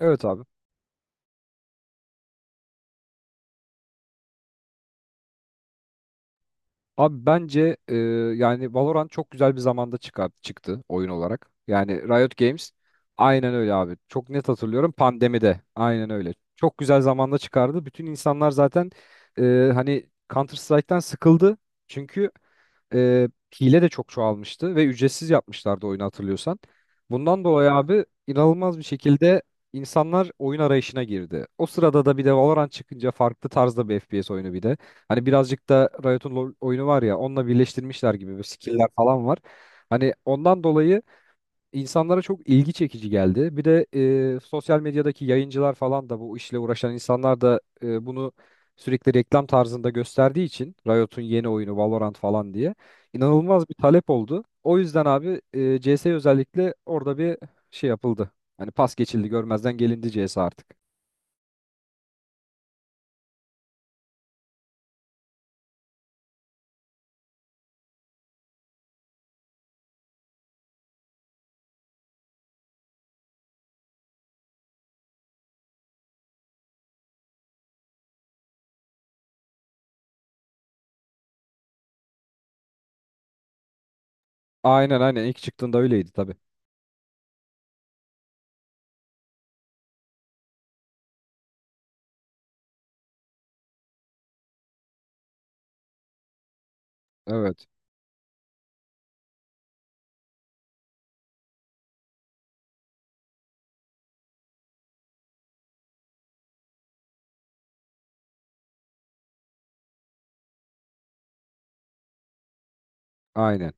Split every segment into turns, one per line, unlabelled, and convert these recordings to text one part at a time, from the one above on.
Evet abi. Abi bence yani Valorant çok güzel bir zamanda çıkar, çıktı oyun olarak. Yani Riot Games aynen öyle abi. Çok net hatırlıyorum pandemide. Aynen öyle. Çok güzel zamanda çıkardı. Bütün insanlar zaten hani Counter Strike'tan sıkıldı. Çünkü e, hile de çok çoğalmıştı ve ücretsiz yapmışlardı oyunu hatırlıyorsan. Bundan dolayı abi inanılmaz bir şekilde insanlar oyun arayışına girdi. O sırada da bir de Valorant çıkınca farklı tarzda bir FPS oyunu bir de. Hani birazcık da Riot'un LoL oyunu var ya onunla birleştirmişler gibi bir skill'ler falan var. Hani ondan dolayı insanlara çok ilgi çekici geldi. Bir de sosyal medyadaki yayıncılar falan da bu işle uğraşan insanlar da bunu sürekli reklam tarzında gösterdiği için Riot'un yeni oyunu Valorant falan diye inanılmaz bir talep oldu. O yüzden abi CS özellikle orada bir şey yapıldı. Hani pas geçildi, görmezden gelindi CS artık. Aynen ilk çıktığında öyleydi tabii. Evet. Aynen.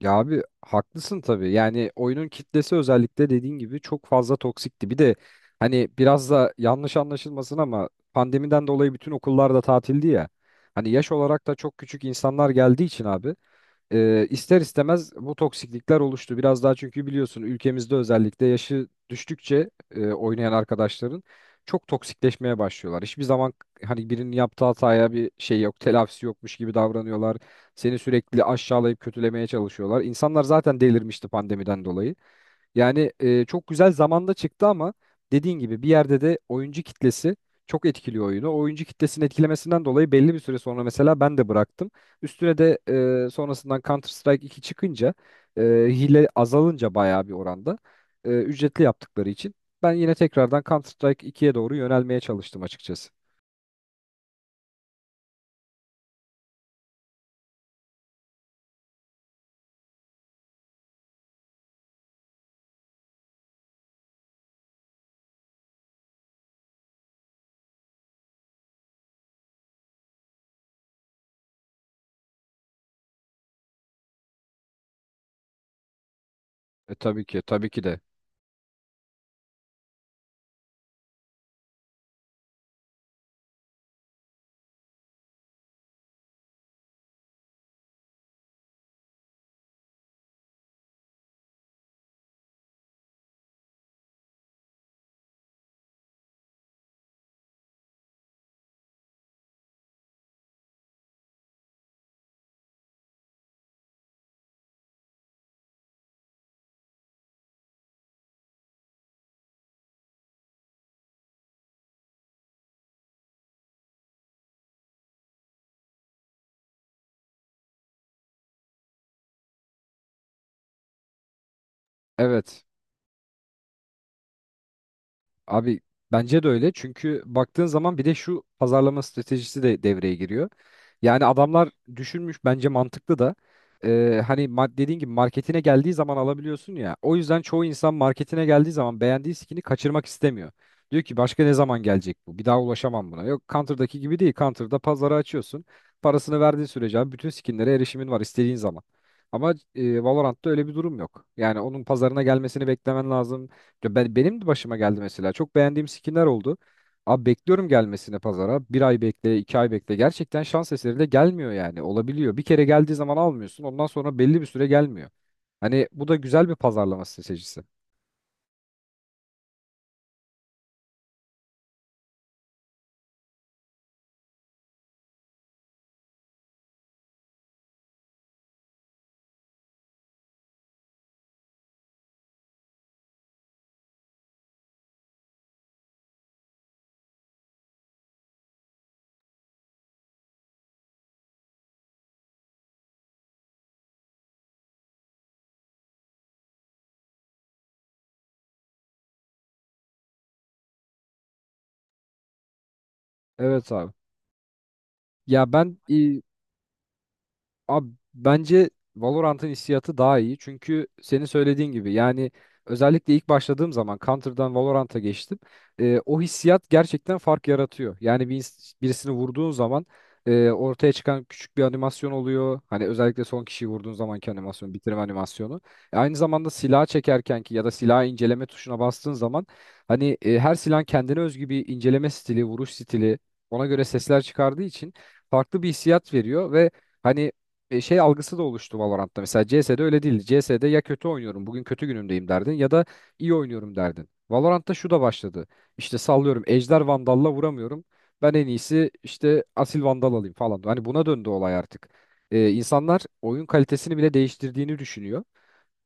Ya abi haklısın tabii. Yani oyunun kitlesi özellikle dediğin gibi çok fazla toksikti. Bir de hani biraz da yanlış anlaşılmasın ama pandemiden dolayı bütün okullar da tatildi ya. Hani yaş olarak da çok küçük insanlar geldiği için abi ister istemez bu toksiklikler oluştu. Biraz daha çünkü biliyorsun ülkemizde özellikle yaşı düştükçe oynayan arkadaşların çok toksikleşmeye başlıyorlar. Hiçbir zaman hani birinin yaptığı hataya bir şey yok, telafisi yokmuş gibi davranıyorlar. Seni sürekli aşağılayıp kötülemeye çalışıyorlar. İnsanlar zaten delirmişti pandemiden dolayı. Yani çok güzel zamanda çıktı ama dediğin gibi bir yerde de oyuncu kitlesi çok etkiliyor oyunu. O oyuncu kitlesinin etkilemesinden dolayı belli bir süre sonra mesela ben de bıraktım. Üstüne de sonrasından Counter Strike 2 çıkınca e, hile azalınca bayağı bir oranda ücretli yaptıkları için ben yine tekrardan Counter Strike 2'ye doğru yönelmeye çalıştım açıkçası. E tabii ki, tabii ki de. Evet. Abi bence de öyle çünkü baktığın zaman bir de şu pazarlama stratejisi de devreye giriyor. Yani adamlar düşünmüş bence mantıklı da hani dediğin gibi marketine geldiği zaman alabiliyorsun ya. O yüzden çoğu insan marketine geldiği zaman beğendiği skin'i kaçırmak istemiyor. Diyor ki başka ne zaman gelecek bu? Bir daha ulaşamam buna. Yok Counter'daki gibi değil. Counter'da pazarı açıyorsun. Parasını verdiğin sürece abi bütün skinlere erişimin var istediğin zaman. Ama Valorant'ta öyle bir durum yok. Yani onun pazarına gelmesini beklemen lazım. Benim de başıma geldi mesela. Çok beğendiğim skinler oldu. Abi bekliyorum gelmesini pazara. Bir ay bekle, iki ay bekle. Gerçekten şans eseri de gelmiyor yani. Olabiliyor. Bir kere geldiği zaman almıyorsun. Ondan sonra belli bir süre gelmiyor. Hani bu da güzel bir pazarlama stratejisi. Evet abi. Ya ben e, Abi bence Valorant'ın hissiyatı daha iyi. Çünkü senin söylediğin gibi yani özellikle ilk başladığım zaman Counter'dan Valorant'a geçtim. O hissiyat gerçekten fark yaratıyor. Yani birisini vurduğun zaman ortaya çıkan küçük bir animasyon oluyor. Hani özellikle son kişiyi vurduğun zamanki animasyon, bitirme animasyonu. Aynı zamanda silah çekerken ki ya da silah inceleme tuşuna bastığın zaman hani her silah kendine özgü bir inceleme stili, vuruş stili ona göre sesler çıkardığı için farklı bir hissiyat veriyor ve hani şey algısı da oluştu Valorant'ta. Mesela CS'de öyle değildi. CS'de ya kötü oynuyorum, bugün kötü günümdeyim derdin ya da iyi oynuyorum derdin. Valorant'ta şu da başladı. İşte sallıyorum Ejder Vandal'la vuramıyorum. Ben en iyisi işte Asil Vandal alayım falan. Hani buna döndü olay artık. İnsanlar oyun kalitesini bile değiştirdiğini düşünüyor.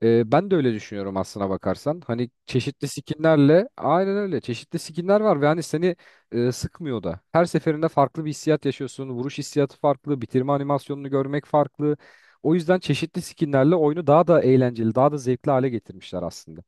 Ben de öyle düşünüyorum aslına bakarsan. Hani çeşitli skinlerle aynen öyle çeşitli skinler var ve hani seni sıkmıyor da. Her seferinde farklı bir hissiyat yaşıyorsun. Vuruş hissiyatı farklı, bitirme animasyonunu görmek farklı. O yüzden çeşitli skinlerle oyunu daha da eğlenceli, daha da zevkli hale getirmişler aslında.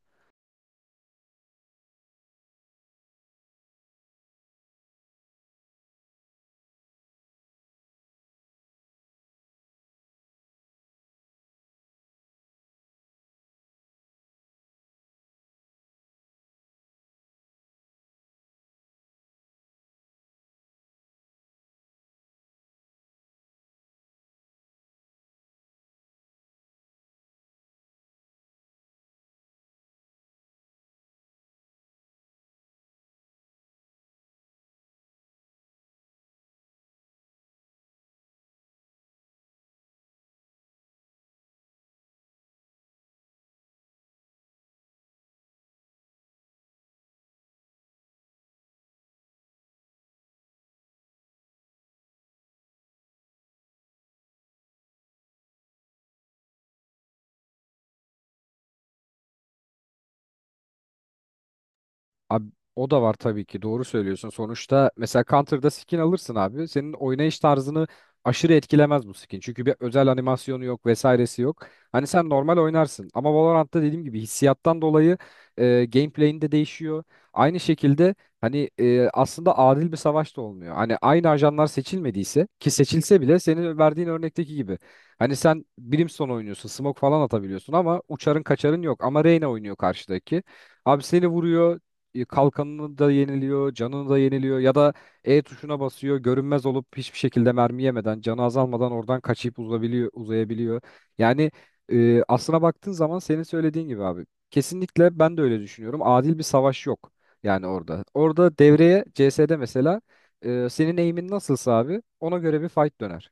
Abi o da var tabii ki doğru söylüyorsun. Sonuçta mesela Counter'da skin alırsın abi. Senin oynayış tarzını aşırı etkilemez bu skin. Çünkü bir özel animasyonu yok vesairesi yok. Hani sen normal oynarsın. Ama Valorant'ta dediğim gibi hissiyattan dolayı gameplay'in de değişiyor. Aynı şekilde hani aslında adil bir savaş da olmuyor. Hani aynı ajanlar seçilmediyse ki seçilse bile senin verdiğin örnekteki gibi. Hani sen Brimstone oynuyorsun, smoke falan atabiliyorsun ama uçarın kaçarın yok. Ama Reyna oynuyor karşıdaki. Abi seni vuruyor, kalkanını da yeniliyor, canını da yeniliyor ya da E tuşuna basıyor, görünmez olup hiçbir şekilde mermi yemeden, canı azalmadan oradan kaçıp uzayabiliyor. Yani aslına baktığın zaman senin söylediğin gibi abi. Kesinlikle ben de öyle düşünüyorum. Adil bir savaş yok yani orada. Orada devreye CS'de mesela senin eğimin nasılsa abi ona göre bir fight döner.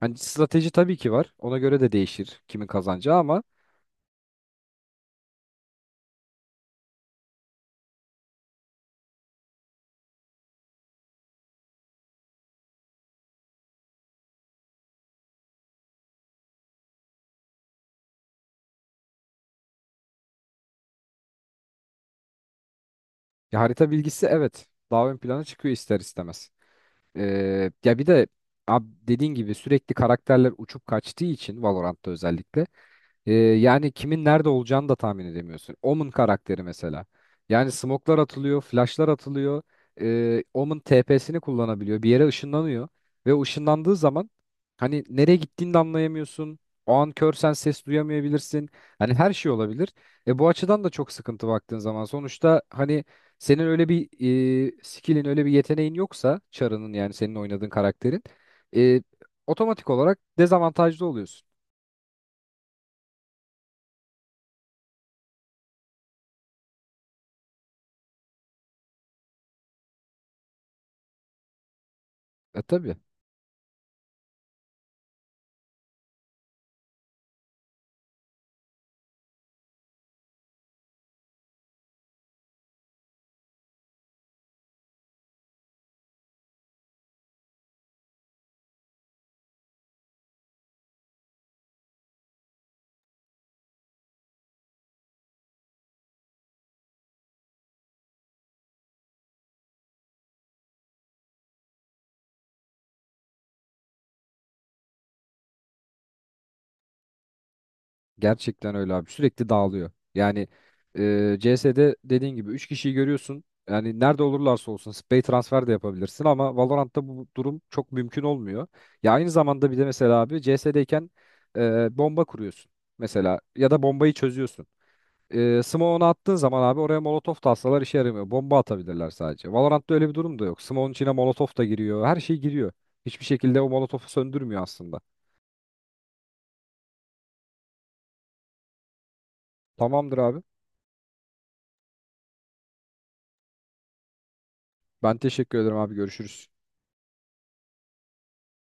Hani strateji tabii ki var. Ona göre de değişir kimin kazanacağı ama ya harita bilgisi evet daha ön plana çıkıyor ister istemez. Ya bir de abi dediğin gibi sürekli karakterler uçup kaçtığı için Valorant'ta özellikle yani kimin nerede olacağını da tahmin edemiyorsun. Omen karakteri mesela. Yani smoklar atılıyor, flashlar atılıyor. Omen TP'sini kullanabiliyor. Bir yere ışınlanıyor. Ve o ışınlandığı zaman hani nereye gittiğini de anlayamıyorsun. O an körsen ses duyamayabilirsin. Hani her şey olabilir. Bu açıdan da çok sıkıntı baktığın zaman. Sonuçta hani senin öyle bir skillin, öyle bir yeteneğin yoksa Char'ının yani senin oynadığın karakterin e, otomatik olarak dezavantajlı oluyorsun. E tabii. Gerçekten öyle abi. Sürekli dağılıyor. Yani CS'de dediğin gibi 3 kişiyi görüyorsun. Yani nerede olurlarsa olsun spey transfer de yapabilirsin ama Valorant'ta bu durum çok mümkün olmuyor. Ya aynı zamanda bir de mesela abi CS'deyken bomba kuruyorsun mesela ya da bombayı çözüyorsun. Smoke'unu attığın zaman abi oraya molotof da atsalar işe yaramıyor. Bomba atabilirler sadece. Valorant'ta öyle bir durum da yok. Smoke'un içine molotof da giriyor. Her şey giriyor. Hiçbir şekilde o molotofu söndürmüyor aslında. Tamamdır abi. Ben teşekkür ederim abi. Görüşürüz.